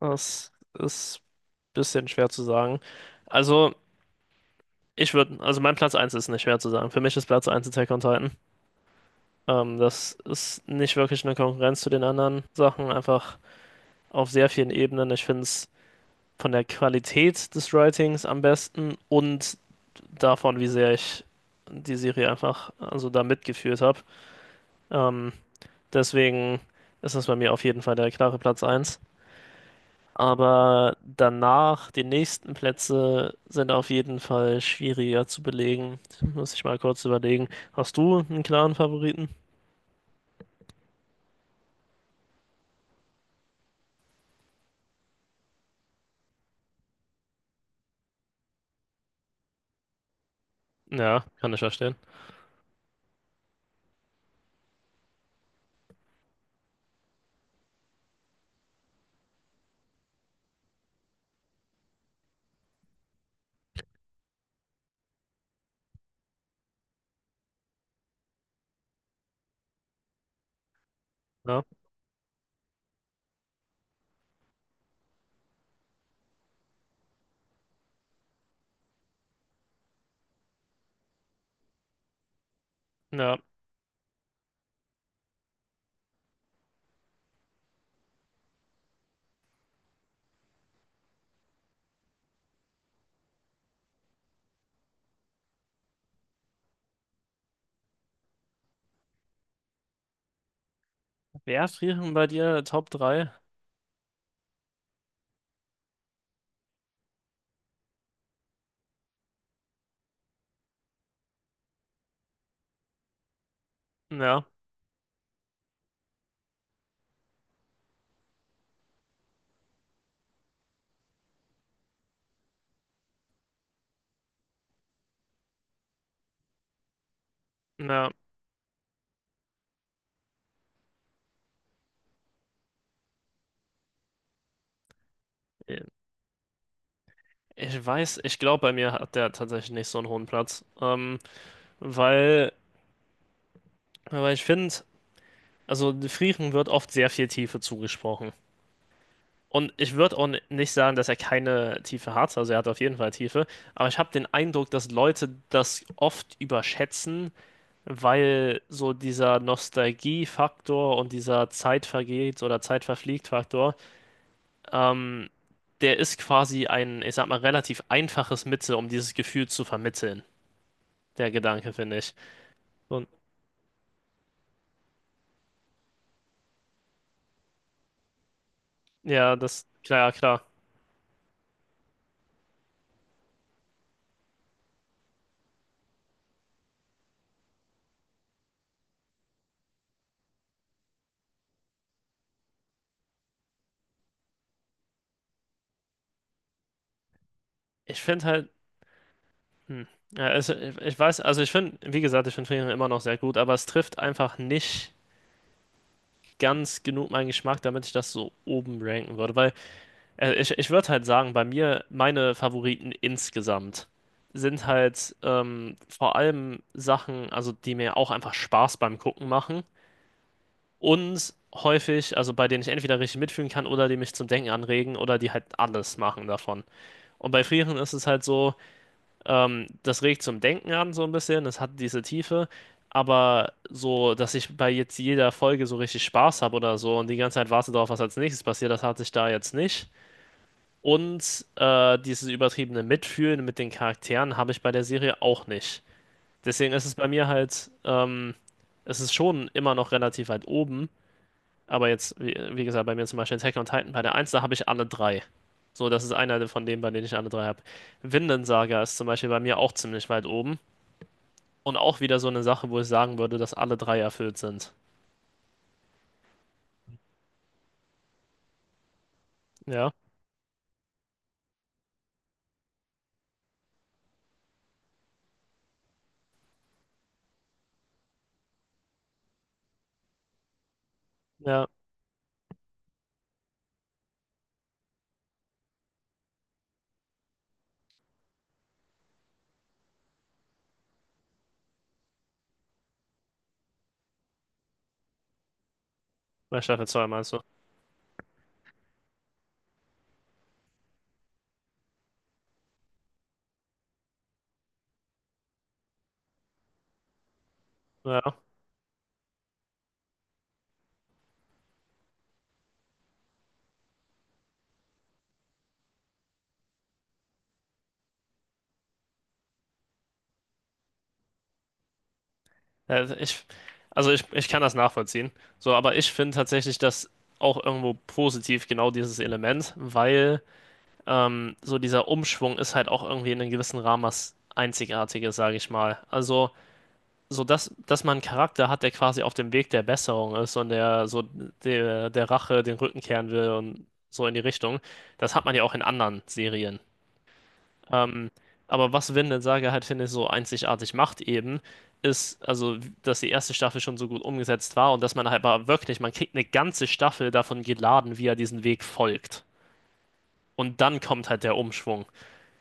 Das ist ein bisschen schwer zu sagen. Also, also, mein Platz eins ist nicht schwer zu sagen. Für mich ist Platz eins Attack on Titan. Das ist nicht wirklich eine Konkurrenz zu den anderen Sachen, einfach auf sehr vielen Ebenen. Ich finde es von der Qualität des Writings am besten und davon, wie sehr ich die Serie einfach also da mitgeführt habe. Ähm, deswegen ist das bei mir auf jeden Fall der klare Platz eins. Aber danach, die nächsten Plätze sind auf jeden Fall schwieriger zu belegen. Muss ich mal kurz überlegen. Hast du einen klaren Favoriten? Ja, kann ich verstehen. Ja, ja. Wer frieren bei dir Top 3? Ja, ja. Ich weiß, ich glaube, bei mir hat der tatsächlich nicht so einen hohen Platz. Weil, weil ich finde, also Frieren wird oft sehr viel Tiefe zugesprochen. Und ich würde auch nicht sagen, dass er keine Tiefe hat, also er hat auf jeden Fall Tiefe, aber ich habe den Eindruck, dass Leute das oft überschätzen, weil so dieser Nostalgie-Faktor und dieser Zeit vergeht oder Zeit verfliegt Faktor, ähm, der ist quasi ein, ich sag mal, relativ einfaches Mittel, um dieses Gefühl zu vermitteln, der Gedanke, finde ich. Und ja, das, klar, klar. Ich finde halt, hm, ja, also, ich weiß, also ich finde, wie gesagt, ich finde Friedrich immer noch sehr gut, aber es trifft einfach nicht ganz genug mein Geschmack, damit ich das so oben ranken würde. Weil ich würde halt sagen, bei mir, meine Favoriten insgesamt sind halt vor allem Sachen, also die mir auch einfach Spaß beim Gucken machen und häufig, also bei denen ich entweder richtig mitfühlen kann oder die mich zum Denken anregen oder die halt alles machen davon. Und bei Frieren ist es halt so, das regt zum Denken an, so ein bisschen. Es hat diese Tiefe. Aber so, dass ich bei jetzt jeder Folge so richtig Spaß habe oder so und die ganze Zeit warte darauf, was als nächstes passiert, das hatte ich da jetzt nicht. Und dieses übertriebene Mitfühlen mit den Charakteren habe ich bei der Serie auch nicht. Deswegen ist es bei mir halt, es ist schon immer noch relativ weit oben. Aber jetzt, wie gesagt, bei mir zum Beispiel Attack on Titan, bei der eins da habe ich alle drei. So, das ist einer von denen, bei denen ich alle drei habe. Vinland Saga ist zum Beispiel bei mir auch ziemlich weit oben. Und auch wieder so eine Sache, wo ich sagen würde, dass alle drei erfüllt sind. Ja, ja, bei Staffel 2 meinst du. Ja, Äh, ich, ich kann das nachvollziehen. So, aber ich finde tatsächlich das auch irgendwo positiv, genau dieses Element, weil so dieser Umschwung ist halt auch irgendwie in einem gewissen Rahmen was Einzigartiges, sage ich mal. Also, so dass man einen Charakter hat, der quasi auf dem Weg der Besserung ist und der so der Rache den Rücken kehren will und so in die Richtung, das hat man ja auch in anderen Serien. Ähm, aber was Vinland Saga halt, finde ich, so einzigartig macht eben, ist, also, dass die erste Staffel schon so gut umgesetzt war und dass man halt aber wirklich, man kriegt eine ganze Staffel davon geladen, wie er diesen Weg folgt. Und dann kommt halt der Umschwung.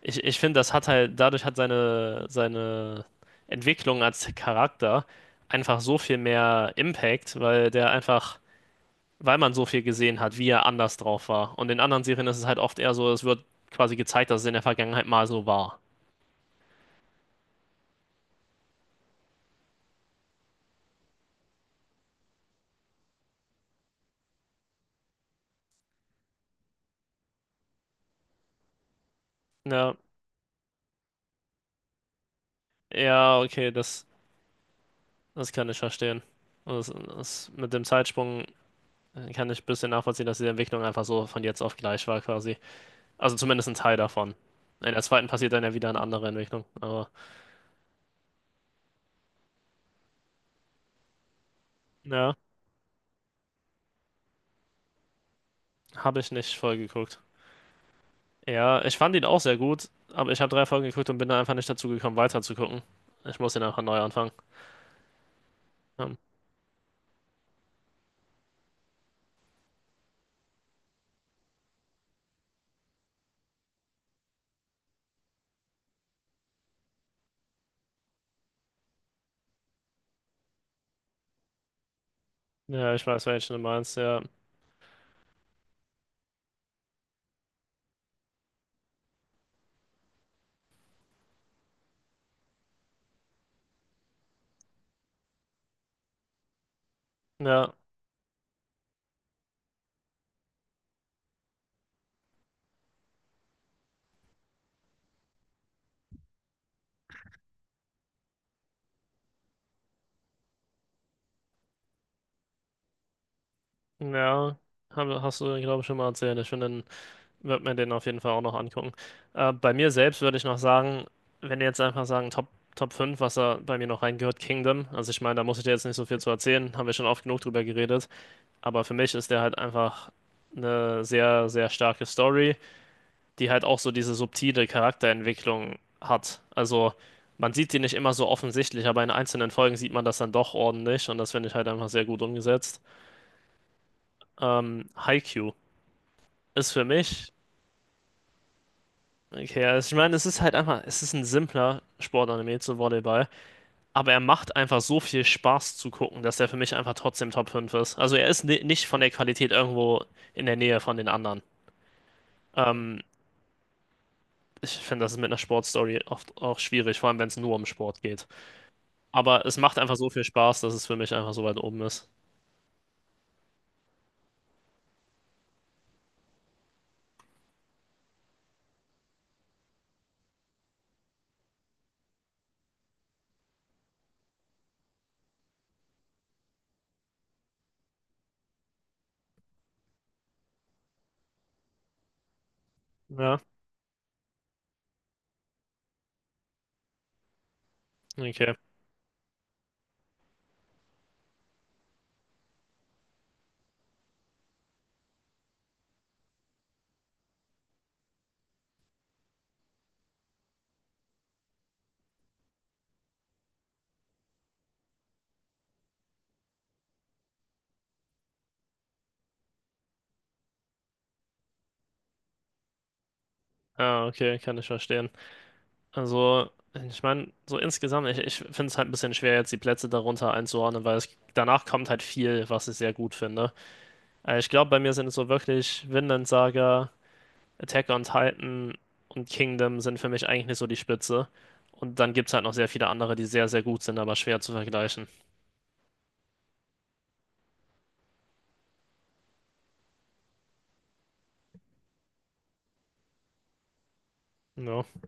Ich finde, das hat halt, dadurch hat seine Entwicklung als Charakter einfach so viel mehr Impact, weil der einfach, weil man so viel gesehen hat, wie er anders drauf war. Und in anderen Serien ist es halt oft eher so, es wird quasi gezeigt, dass es in der Vergangenheit mal so war. Ja. Ja, okay, das kann ich verstehen. Und das, mit dem Zeitsprung kann ich ein bisschen nachvollziehen, dass die Entwicklung einfach so von jetzt auf gleich war, quasi. Also zumindest ein Teil davon. In der zweiten passiert dann ja wieder eine andere Entwicklung. Aber ja, habe ich nicht voll geguckt. Ja, ich fand ihn auch sehr gut, aber ich habe drei Folgen geguckt und bin da einfach nicht dazu gekommen, weiter zu gucken. Ich muss ihn einfach neu anfangen. Ähm, Ja, ich weiß, welchen du meinst. Ja, ja, ja. Hab, hast du, glaube ich, schon mal erzählt. Ich finde ihn Wird mir den auf jeden Fall auch noch angucken. Bei mir selbst würde ich noch sagen, wenn ihr jetzt einfach sagen, Top 5, was da bei mir noch reingehört, Kingdom. Also ich meine, da muss ich dir jetzt nicht so viel zu erzählen, haben wir schon oft genug drüber geredet. Aber für mich ist der halt einfach eine sehr, sehr starke Story, die halt auch so diese subtile Charakterentwicklung hat. Also man sieht die nicht immer so offensichtlich, aber in einzelnen Folgen sieht man das dann doch ordentlich und das finde ich halt einfach sehr gut umgesetzt. Haikyuu ist für mich Okay, also ich meine, es ist halt einfach, es ist ein simpler Sportanime zu Volleyball, aber er macht einfach so viel Spaß zu gucken, dass er für mich einfach trotzdem Top 5 ist. Also er ist ni- nicht von der Qualität irgendwo in der Nähe von den anderen. Ähm, ich finde, das ist mit einer Sportstory oft auch schwierig, vor allem wenn es nur um Sport geht. Aber es macht einfach so viel Spaß, dass es für mich einfach so weit oben ist. Ja, okay. Ah, okay, kann ich verstehen. Also, ich meine, so insgesamt, ich finde es halt ein bisschen schwer, jetzt die Plätze darunter einzuordnen, weil es, danach kommt halt viel, was ich sehr gut finde. Ich glaube, bei mir sind es so wirklich Vinland Saga, Attack on Titan und Kingdom sind für mich eigentlich nicht so die Spitze. Und dann gibt es halt noch sehr viele andere, die sehr, sehr gut sind, aber schwer zu vergleichen. Ja.